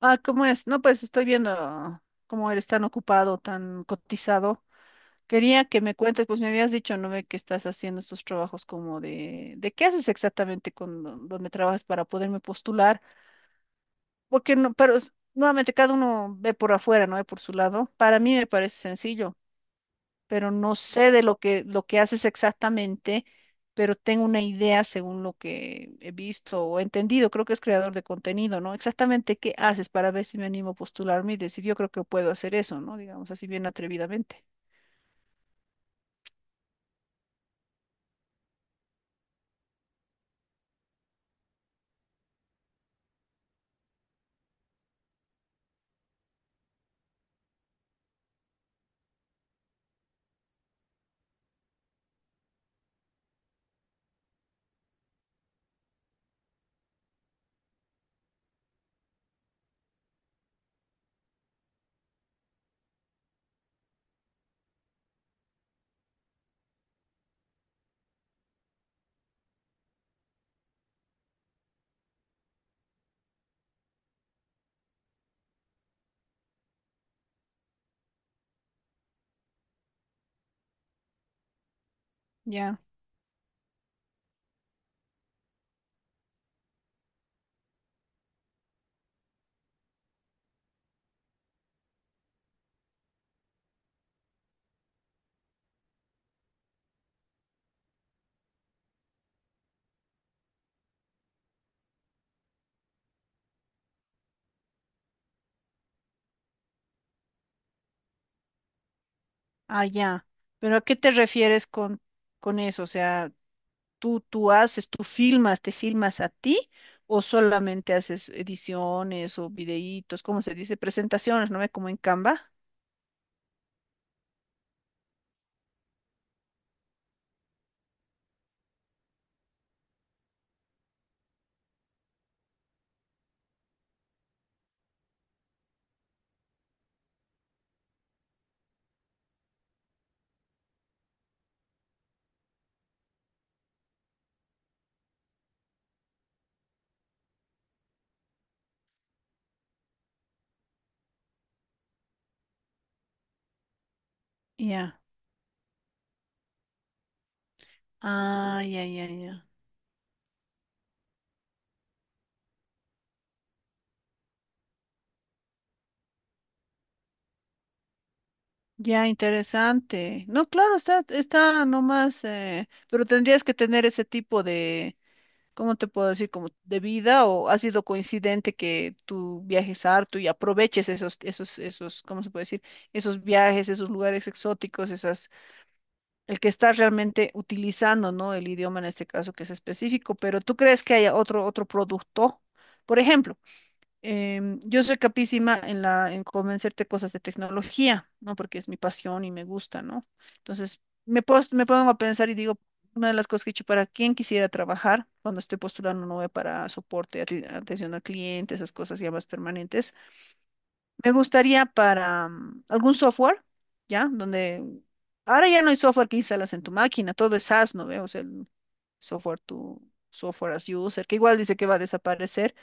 Ah, ¿cómo es? No, pues estoy viendo cómo eres tan ocupado, tan cotizado. Quería que me cuentes, pues me habías dicho, ¿no ve que estás haciendo estos trabajos como de, qué haces exactamente con donde trabajas para poderme postular? Porque no, pero nuevamente cada uno ve por afuera, ¿no? Ve por su lado. Para mí me parece sencillo, pero no sé de lo que, haces exactamente, pero tengo una idea según lo que he visto o entendido. Creo que es creador de contenido, ¿no? Exactamente qué haces para ver si me animo a postularme y decir, yo creo que puedo hacer eso, ¿no? Digamos así bien atrevidamente. Ya. Ah, ya. Pero ¿a qué te refieres con, eso? O sea, tú haces, tú filmas, te filmas a ti, o solamente haces ediciones o videitos, ¿cómo se dice? Presentaciones, ¿no ve? Como en Canva. Ya. Ah, ya, ya, ya. Ya, interesante. No, claro, está nomás, pero tendrías que tener ese tipo de, ¿cómo te puedo decir? Como de vida. O ha sido coincidente que tú viajes harto y aproveches esos, esos, ¿cómo se puede decir? Esos viajes, esos lugares exóticos, esas, el que está realmente utilizando, ¿no? El idioma, en este caso que es específico. Pero ¿tú crees que haya otro, producto? Por ejemplo, yo soy capísima en la, en convencerte cosas de tecnología, ¿no? Porque es mi pasión y me gusta, ¿no? Entonces, me pongo a pensar y digo, una de las cosas que he hecho para quién quisiera trabajar cuando estoy postulando nueve para soporte, atención al cliente, esas cosas ya más permanentes. Me gustaría para algún software, ¿ya? Donde ahora ya no hay software que instalas en tu máquina, todo es SaaS, ¿no ve? O sea, el software, tu software as user, que igual dice que va a desaparecer,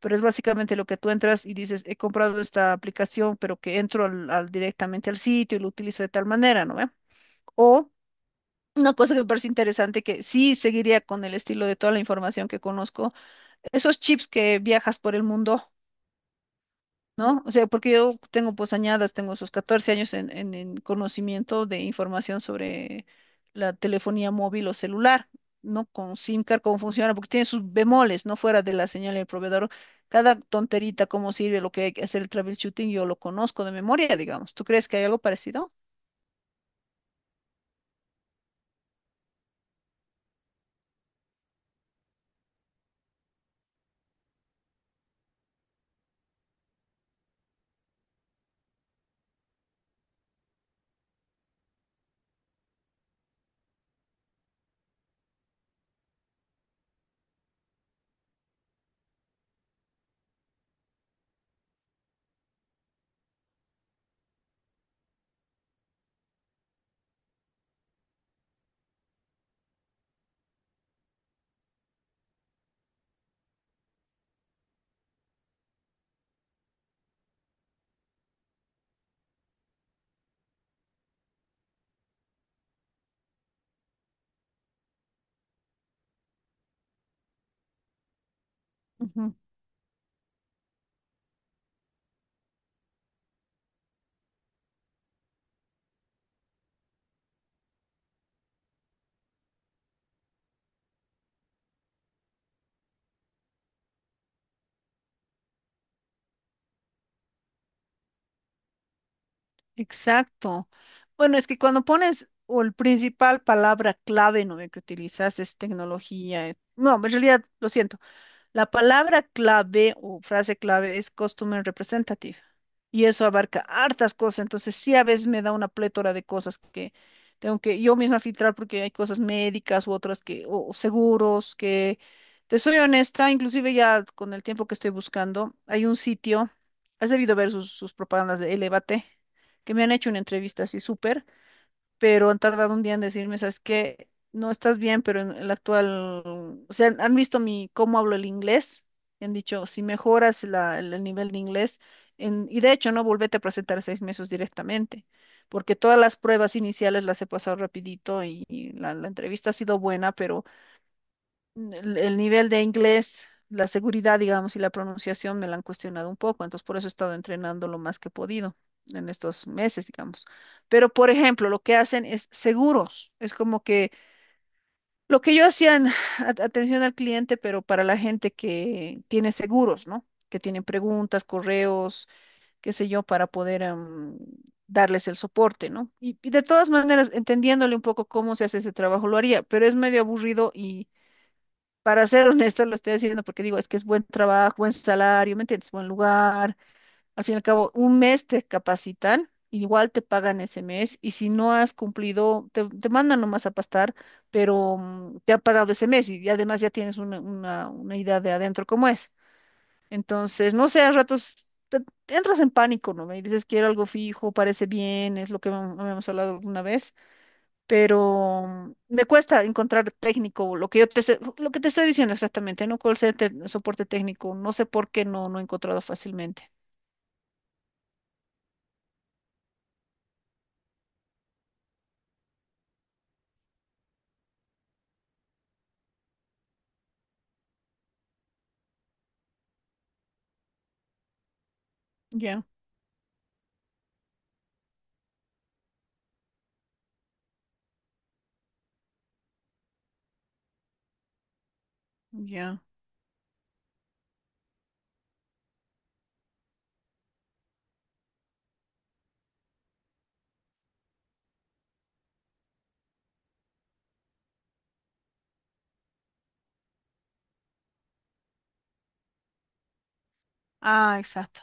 pero es básicamente lo que tú entras y dices, he comprado esta aplicación, pero que entro directamente al sitio y lo utilizo de tal manera, ¿no ve? O una cosa que me parece interesante, que sí seguiría con el estilo de toda la información que conozco, esos chips que viajas por el mundo, ¿no? O sea, porque yo tengo pues añadas, tengo esos 14 años en, en conocimiento de información sobre la telefonía móvil o celular, ¿no? Con SIM card, cómo funciona, porque tiene sus bemoles, ¿no? Fuera de la señal del proveedor, cada tonterita, cómo sirve, lo que hay que hacer el troubleshooting, yo lo conozco de memoria, digamos. ¿Tú crees que hay algo parecido? Ujú. Exacto. Bueno, es que cuando pones, o el principal palabra clave, ¿no?, que utilizas es tecnología. No, en realidad, lo siento. La palabra clave o frase clave es Customer Representative, y eso abarca hartas cosas, entonces sí, a veces me da una plétora de cosas que tengo que yo misma filtrar, porque hay cosas médicas u otras que, o seguros que, te soy honesta, inclusive ya con el tiempo que estoy buscando. Hay un sitio, has debido ver sus, propagandas de Elévate, que me han hecho una entrevista así súper, pero han tardado un día en decirme, ¿sabes qué? No estás bien, pero en el actual, o sea, han visto mi cómo hablo el inglés, y han dicho, si mejoras el nivel de inglés, y de hecho, no, volvete a presentar 6 meses directamente, porque todas las pruebas iniciales las he pasado rapidito, y la, entrevista ha sido buena, pero el nivel de inglés, la seguridad, digamos, y la pronunciación me la han cuestionado un poco, entonces por eso he estado entrenando lo más que he podido en estos meses, digamos. Pero, por ejemplo, lo que hacen es seguros, es como que lo que yo hacía en atención al cliente, pero para la gente que tiene seguros, ¿no? Que tienen preguntas, correos, qué sé yo, para poder darles el soporte, ¿no? Y, de todas maneras, entendiéndole un poco cómo se hace ese trabajo, lo haría, pero es medio aburrido y, para ser honesto, lo estoy haciendo porque digo, es que es buen trabajo, buen salario, ¿me entiendes? Buen lugar. Al fin y al cabo, un mes te capacitan, igual te pagan ese mes, y si no has cumplido, te mandan nomás a pastar, pero te han pagado ese mes y, además ya tienes una, una idea de adentro cómo es. Entonces, no sé, a ratos te entras en pánico, ¿no? Y dices, quiero algo fijo, parece bien, es lo que habíamos hablado alguna vez, pero me cuesta encontrar técnico, lo que yo lo que te estoy diciendo exactamente, ¿no? Call center, soporte técnico, no sé por qué no he encontrado fácilmente. Ya, ya. Ah, exacto.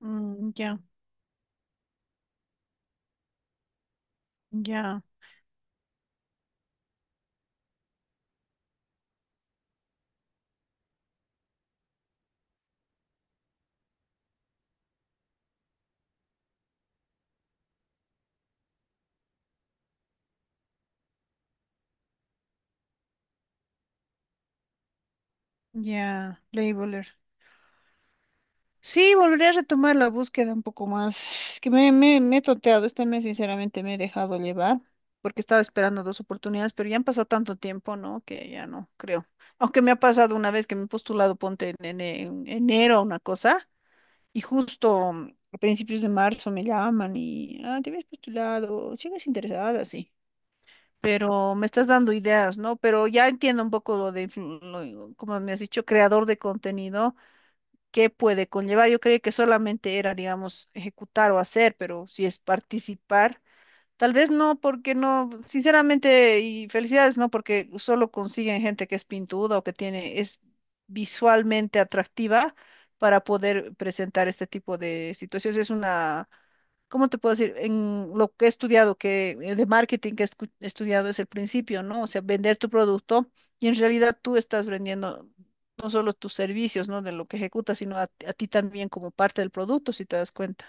Mm, ya, ya, ya. Labeler. Sí, volveré a retomar la búsqueda un poco más. Es que me he tonteado este mes, sinceramente me he dejado llevar, porque estaba esperando dos oportunidades, pero ya han pasado tanto tiempo, ¿no? Que ya no creo. Aunque me ha pasado una vez que me he postulado, ponte en, en enero una cosa. Y justo a principios de marzo me llaman y, ah, te habías postulado, sigues interesada, sí. Pero me estás dando ideas, ¿no? Pero ya entiendo un poco lo de, como me has dicho, creador de contenido, qué puede conllevar. Yo creí que solamente era, digamos, ejecutar o hacer, pero si es participar. Tal vez no, porque no, sinceramente, y felicidades, no, porque solo consiguen gente que es pintuda o que tiene, es visualmente atractiva, para poder presentar este tipo de situaciones. Es una, ¿cómo te puedo decir? En lo que he estudiado, que de marketing que he he estudiado, es el principio, ¿no? O sea, vender tu producto. Y en realidad tú estás vendiendo no solo tus servicios, ¿no? De lo que ejecutas, sino a ti también como parte del producto, si te das cuenta.